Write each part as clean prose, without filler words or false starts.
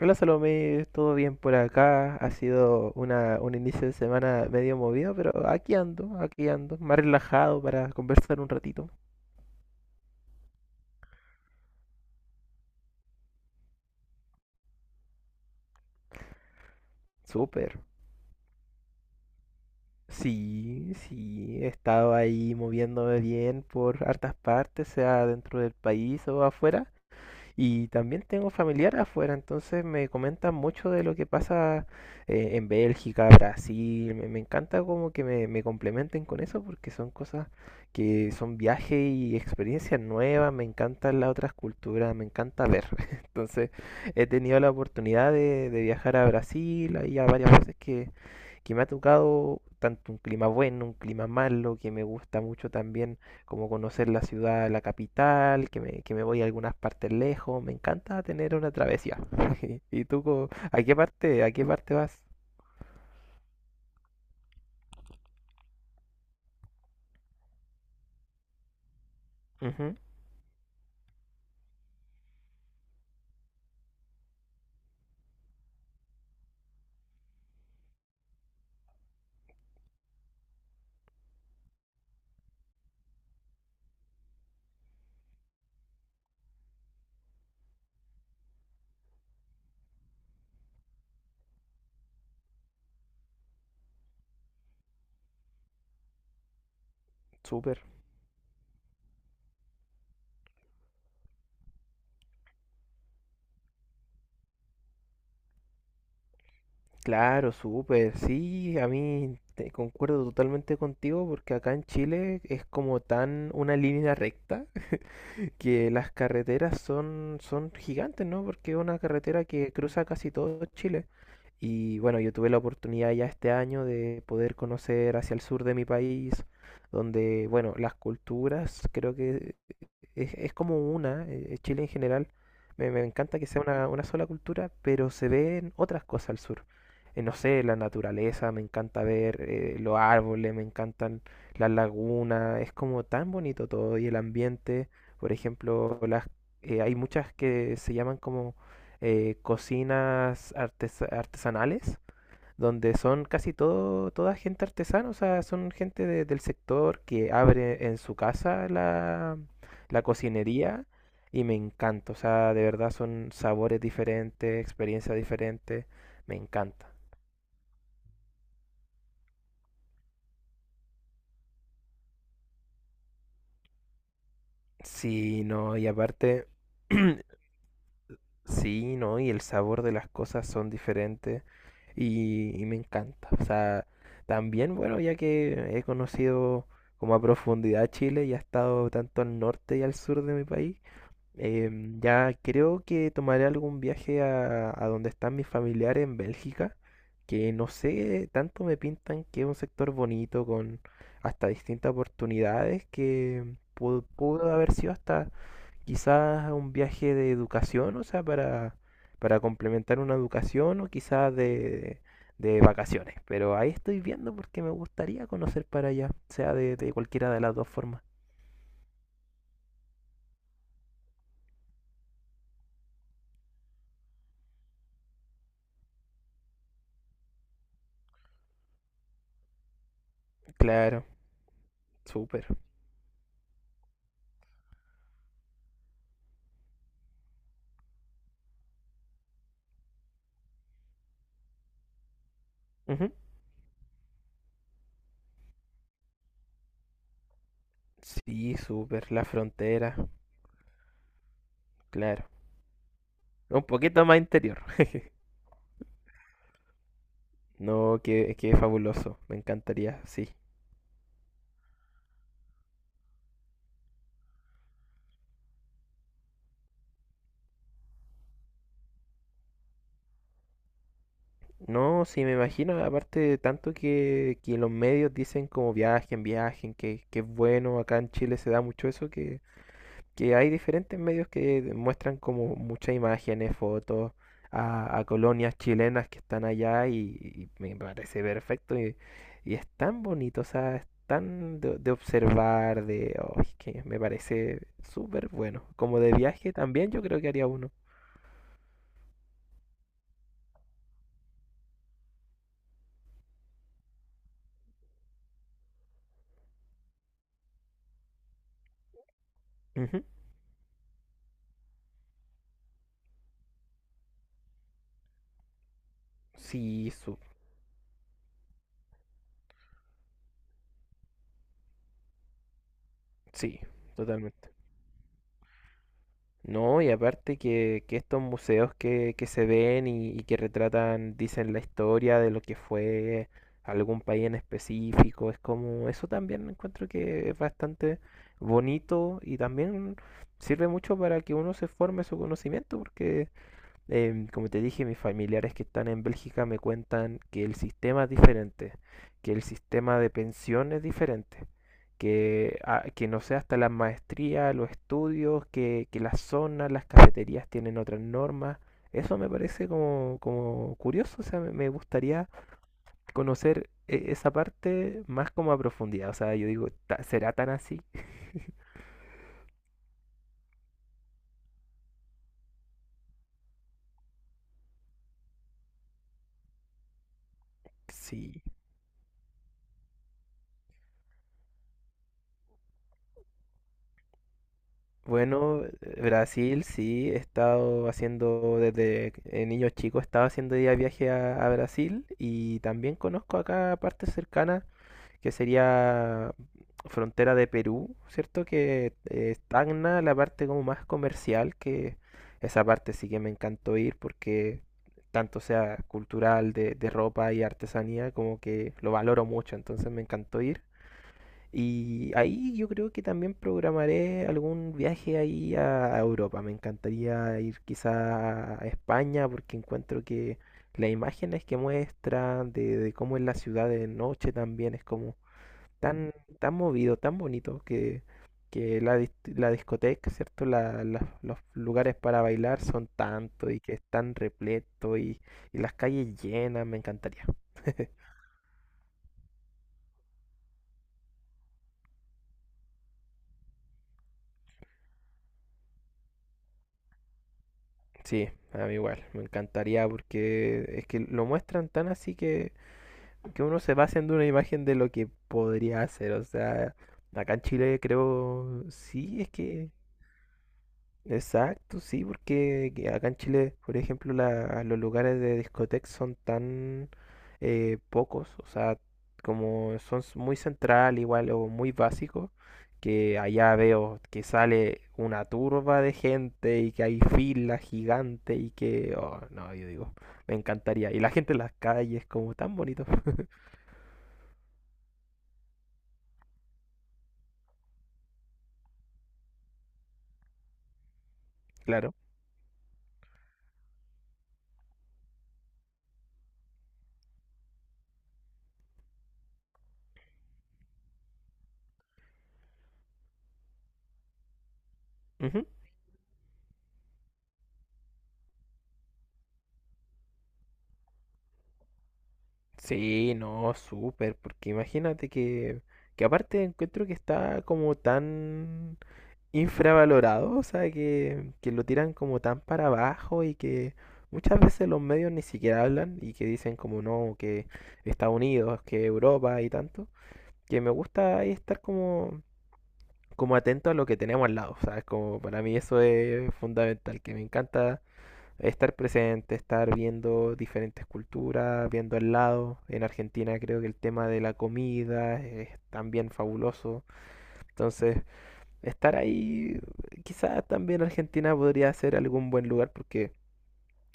Hola Salomé, todo bien por acá. Ha sido un inicio de semana medio movido, pero aquí ando, más relajado para conversar un ratito. Súper. Sí, sí, he estado ahí moviéndome bien por hartas partes, sea dentro del país o afuera. Y también tengo familiares afuera, entonces me comentan mucho de lo que pasa en Bélgica, Brasil. Me encanta como que me complementen con eso porque son cosas que son viajes y experiencias nuevas. Me encantan las otras culturas, me encanta ver. Entonces he tenido la oportunidad de viajar a Brasil, ahí a varias veces que me ha tocado tanto un clima bueno, un clima malo, que me gusta mucho también como conocer la ciudad, la capital, que me voy a algunas partes lejos, me encanta tener una travesía. ¿Y tú a qué parte vas? Ujú. Súper, claro, súper. Sí, a mí te concuerdo totalmente contigo porque acá en Chile es como tan una línea recta que las carreteras son, son gigantes, ¿no? Porque es una carretera que cruza casi todo Chile. Y bueno, yo tuve la oportunidad ya este año de poder conocer hacia el sur de mi país, donde, bueno, las culturas creo que es como una, Chile en general, me encanta que sea una sola cultura, pero se ven otras cosas al sur. No sé, la naturaleza, me encanta ver los árboles, me encantan las lagunas, es como tan bonito todo y el ambiente, por ejemplo, hay muchas que se llaman como cocinas artesanales donde son casi todo, toda gente artesana, o sea, son gente del sector que abre en su casa la cocinería y me encanta, o sea, de verdad son sabores diferentes, experiencias diferentes, me encanta. Sí, no, y aparte, sí, no, y el sabor de las cosas son diferentes y me encanta. O sea, también, bueno, ya que he conocido como a profundidad Chile y he estado tanto al norte y al sur de mi país. Ya creo que tomaré algún viaje a donde están mis familiares en Bélgica, que no sé, tanto me pintan que es un sector bonito con hasta distintas oportunidades que pudo haber sido hasta quizás un viaje de educación, o sea, para complementar una educación o quizás de vacaciones. Pero ahí estoy viendo porque me gustaría conocer para allá, sea de cualquiera de las dos formas. Claro, súper. Ujú. Sí, súper, la frontera, claro. Un poquito más interior. No, qué, qué fabuloso, me encantaría, sí. No, sí, me imagino, aparte de tanto que los medios dicen como viajen, viajen, que es bueno, acá en Chile se da mucho eso, que hay diferentes medios que muestran como muchas imágenes, fotos a colonias chilenas que están allá y me parece perfecto y es tan bonito, o sea, es tan de observar, de oh, es que me parece súper bueno. Como de viaje también yo creo que haría uno. Ujú. Sí, sí, totalmente. No, y aparte que estos museos que se ven y que retratan, dicen la historia de lo que fue algún país en específico, es como, eso también encuentro que es bastante bonito y también sirve mucho para que uno se forme su conocimiento, porque Em, como te dije, mis familiares que están en Bélgica me cuentan que el sistema es diferente, que el sistema de pensión es diferente, que, ah, que no sé, hasta la maestría, los estudios, que las zonas, las cafeterías tienen otras normas. Eso me parece como, como curioso, o sea, me gustaría conocer esa parte más como a profundidad. O sea, yo digo, ¿será tan así? Sí, bueno, Brasil sí, he estado haciendo desde niño chico, he estado haciendo día de viaje a Brasil y también conozco acá partes cercanas que sería frontera de Perú, ¿cierto? Que estagna la parte como más comercial, que esa parte sí que me encantó ir porque tanto sea cultural de ropa y artesanía como que lo valoro mucho, entonces me encantó ir. Y ahí yo creo que también programaré algún viaje ahí a Europa. Me encantaría ir quizá a España porque encuentro que las imágenes que muestran de cómo es la ciudad de noche también es como tan, tan movido, tan bonito que la discoteca, ¿cierto? Los lugares para bailar son tanto y que es tan repleto y las calles llenas. Me encantaría. Sí, a mí igual, me encantaría porque es que lo muestran tan así que uno se va haciendo una imagen de lo que podría hacer. O sea, acá en Chile creo, sí, es que exacto, sí, porque que acá en Chile, por ejemplo, los lugares de discoteca son tan pocos, o sea, como son muy central igual o muy básicos, que allá veo que sale una turba de gente y que hay filas gigantes y que, oh, no, yo digo, me encantaría. Y la gente en las calles, como tan bonito. Claro. Ujú. Sí, no, súper, porque imagínate que aparte encuentro que está como tan infravalorado, o sea, que lo tiran como tan para abajo y que muchas veces los medios ni siquiera hablan y que dicen como no, que Estados Unidos, que Europa y tanto, que me gusta ahí estar como, como atento a lo que tenemos al lado, o sea, es como para mí eso es fundamental, que me encanta estar presente, estar viendo diferentes culturas, viendo al lado. En Argentina creo que el tema de la comida es también fabuloso. Entonces, estar ahí. Quizás también Argentina podría ser algún buen lugar porque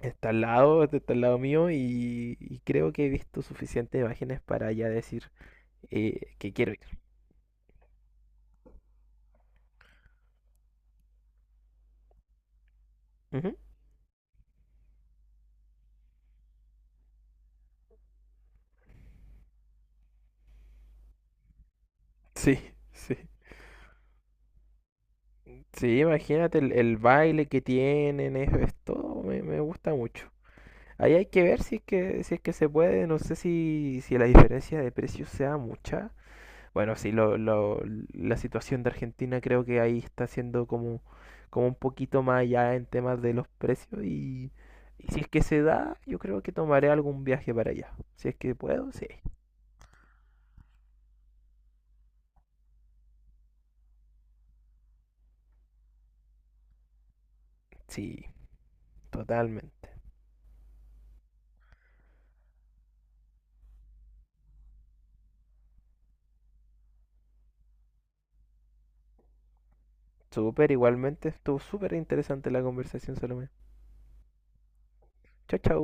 está al lado mío y creo que he visto suficientes imágenes para ya decir que quiero ir. Ujú. Sí, sí. Sí, imagínate el baile que tienen, es todo, me gusta mucho. Ahí hay que ver si es que, si es que se puede, no sé si, si la diferencia de precios sea mucha. Bueno, sí, la situación de Argentina creo que ahí está siendo como, como un poquito más allá en temas de los precios y si es que se da, yo creo que tomaré algún viaje para allá. Si es que puedo, sí, sí, totalmente. Súper, igualmente, estuvo súper interesante la conversación, Salomé. Chao, chao.